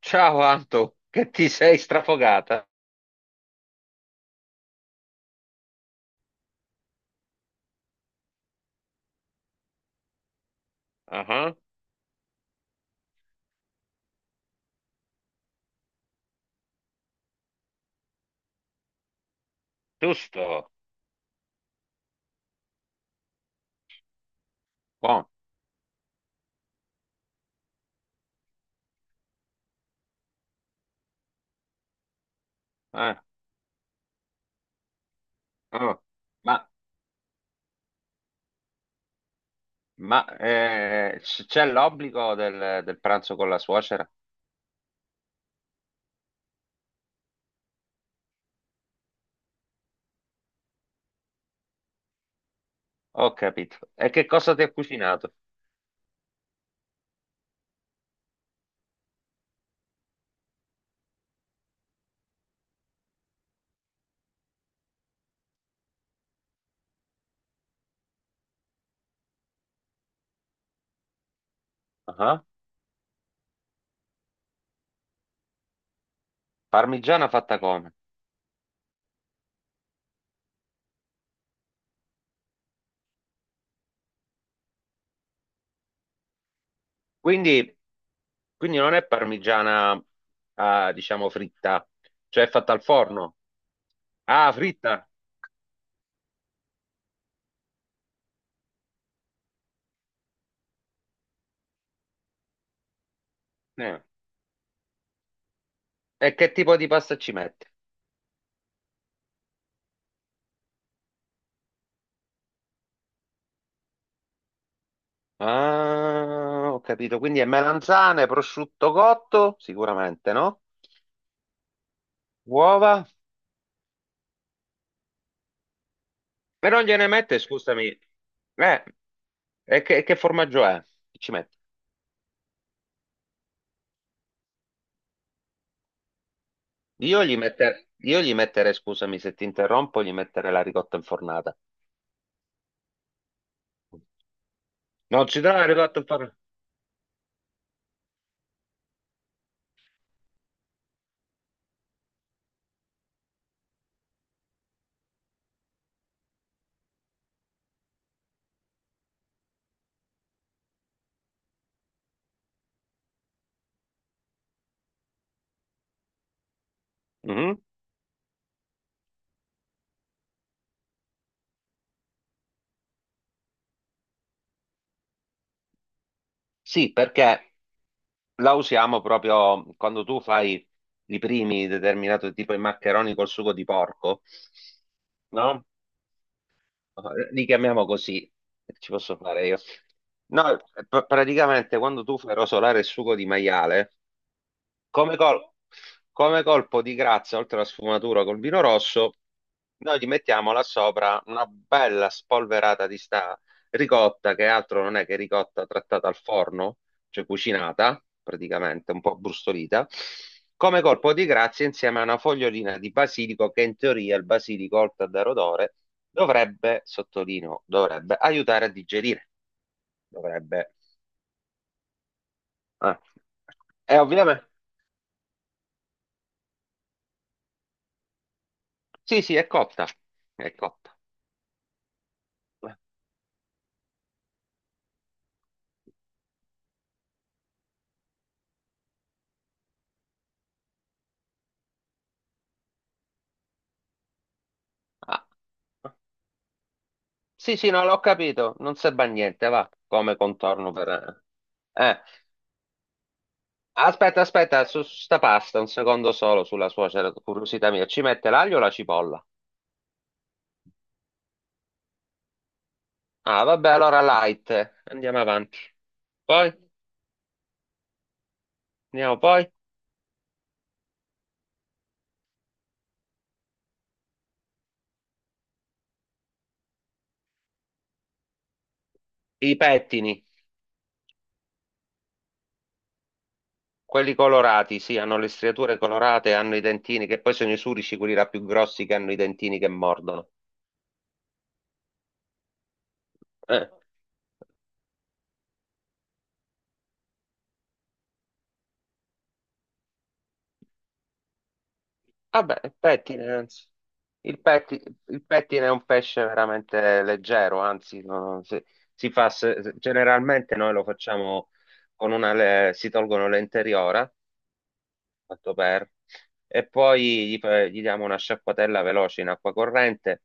Ciao Anto, che ti sei strafogata? Ah, Giusto, buono. Eh, oh. Ma, C'è l'obbligo del pranzo con la suocera? Ho capito. E che cosa ti ha cucinato? Ah. Parmigiana fatta come? Quindi, quindi non è parmigiana, ah, diciamo, fritta, cioè è fatta al forno. Ah, fritta? Eh. E che tipo di pasta ci metti? Ah, ho capito. Quindi è melanzane, prosciutto cotto, sicuramente, no? Uova. E non gliene mette, scusami. Eh, e che formaggio è? Chi ci mette? Io gli metterei, scusami se ti interrompo, gli metterei la ricotta infornata. Non ci dà la ricotta infornata? Mhm. Sì, perché la usiamo proprio quando tu fai i primi determinato tipo i maccheroni col sugo di porco, no? No, li chiamiamo così, ci posso fare io. No, praticamente quando tu fai rosolare il sugo di maiale, come, col- come colpo di grazia, oltre alla sfumatura col vino rosso, noi gli mettiamo là sopra una bella spolverata di sta ricotta, che altro non è che ricotta trattata al forno, cioè cucinata, praticamente, un po' brustolita. Come colpo di grazia, insieme a una fogliolina di basilico, che in teoria il basilico, oltre a dare odore, dovrebbe, sottolineo, dovrebbe aiutare a digerire. Dovrebbe. Eh. E ovviamente. Sì, sì, è cotta. È cotta. Ah. Sì, sì, no, l'ho capito. Non serve a niente, va, come contorno per... Eh, Eh, aspetta, aspetta, su sta pasta, un secondo solo sulla suocera, curiosità mia. Ci mette l'aglio o la cipolla? Ah, vabbè, allora light. Andiamo avanti. Poi, andiamo poi. I pettini, quelli colorati, sì, hanno le striature colorate, hanno i dentini, che poi sono i surici, quelli là più grossi che hanno i dentini che mordono. Eh. Vabbè, il pettine, anzi. Il petti- il pettine è un pesce veramente leggero, anzi, si, si fa, generalmente noi lo facciamo con una, si tolgono l'interiora, fatto per, e poi gli diamo una sciacquatella veloce in acqua corrente,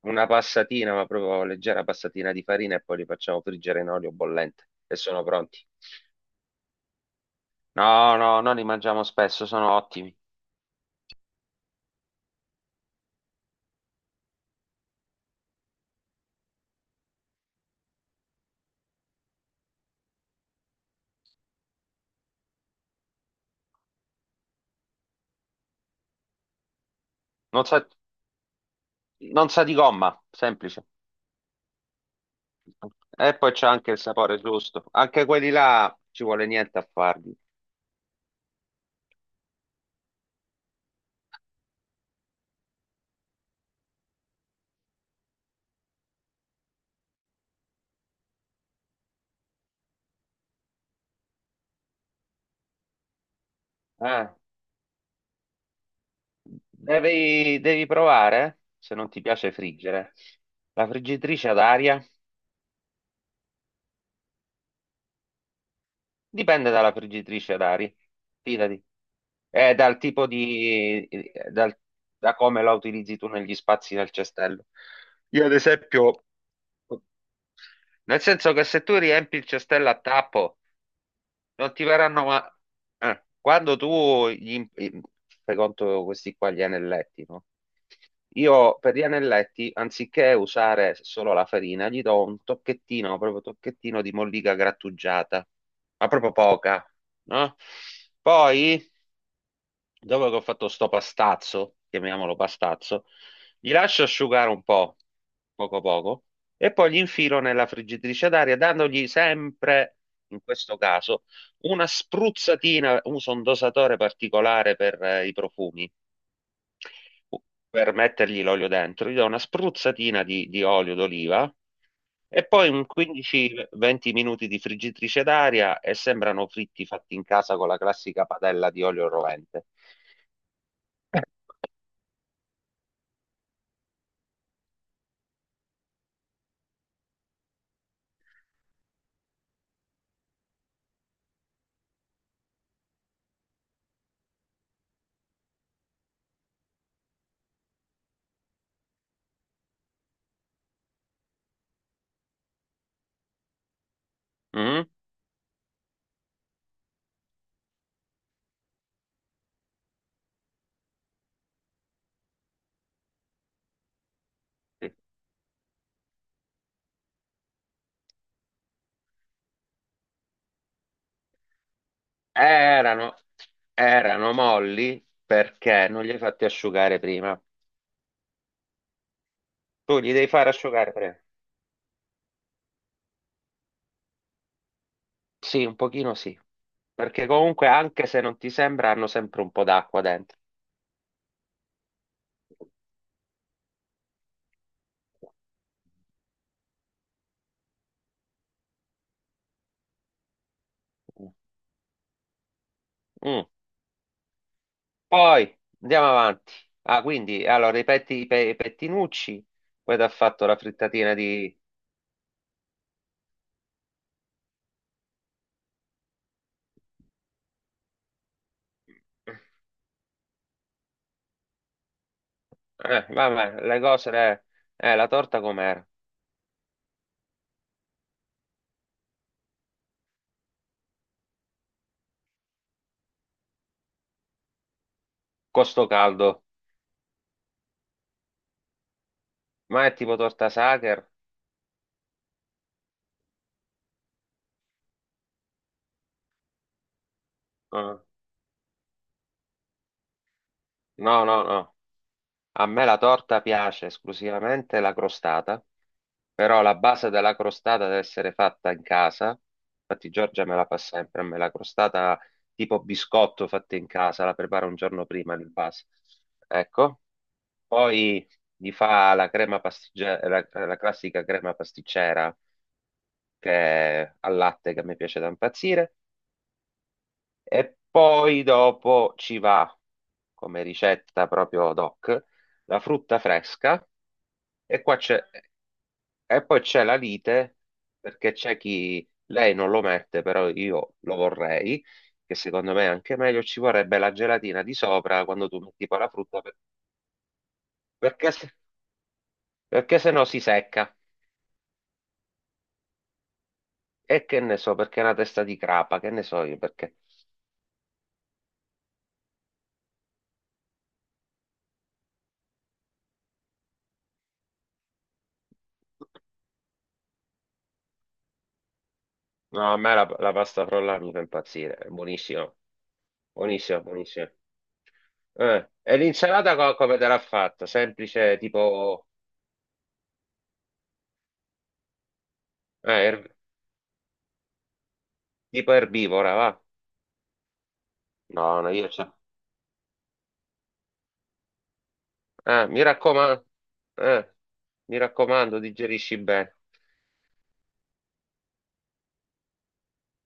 una passatina, ma proprio leggera passatina di farina e poi li facciamo friggere in olio bollente e sono pronti. No, no, noi li mangiamo spesso, sono ottimi. Non sa, non sa di gomma, semplice. E poi c'è anche il sapore giusto. Anche quelli là ci vuole niente a farli. Ah. Devi, devi provare, se non ti piace friggere, la friggitrice ad aria. Dipende dalla friggitrice ad aria, fidati. È dal tipo di... dal- da come la utilizzi tu negli spazi del cestello. Io ad esempio, nel senso che se tu riempi il cestello a tappo non ti faranno ma... quando tu gli... im- fai conto questi qua gli anelletti, no? Io per gli anelletti, anziché usare solo la farina, gli do un tocchettino, proprio tocchettino di mollica grattugiata, ma proprio poca, no? Poi dopo che ho fatto sto pastazzo, chiamiamolo pastazzo, gli lascio asciugare un po', poco poco, e poi li infilo nella friggitrice d'aria, dandogli sempre, in questo caso, una spruzzatina, uso un dosatore particolare per i profumi, per mettergli l'olio dentro, gli do una spruzzatina di olio d'oliva e poi un 15-20 minuti di friggitrice d'aria e sembrano fritti fatti in casa con la classica padella di olio rovente. Mm? Sì. Erano, erano molli perché non li hai fatti asciugare prima. Tu li devi fare asciugare prima. Sì, un pochino sì. Perché comunque, anche se non ti sembra, hanno sempre un po' d'acqua dentro. Mm. Poi andiamo avanti. Ah, quindi allora ripeti i pettinucci, poi ti ha fatto la frittatina di. Vabbè, le cose. Le. La torta com'era? Costo caldo. Ma è tipo torta Sacher? Eh, No, no, no. A me la torta piace esclusivamente la crostata, però la base della crostata deve essere fatta in casa. Infatti Giorgia me la fa sempre, a me la crostata tipo biscotto fatta in casa, la prepara un giorno prima di base. Ecco, poi gli fa la crema pastiggera, la classica crema pasticcera che è al latte che a me piace da impazzire e poi dopo ci va come ricetta proprio doc la frutta fresca e qua c'è. E poi c'è la lite, perché c'è chi lei non lo mette, però io lo vorrei, che secondo me è anche meglio, ci vorrebbe la gelatina di sopra quando tu metti poi la frutta, perché, perché se no si secca. E che ne so, perché è una testa di crapa, che ne so io, perché... No, a me la pasta frolla mi fa impazzire, è buonissima, buonissima, buonissima. E l'insalata come te l'ha fatta? Semplice, tipo, eh, er- tipo erbivora, va? No, no, io c'ho. Ah, eh, mi raccomando, digerisci bene.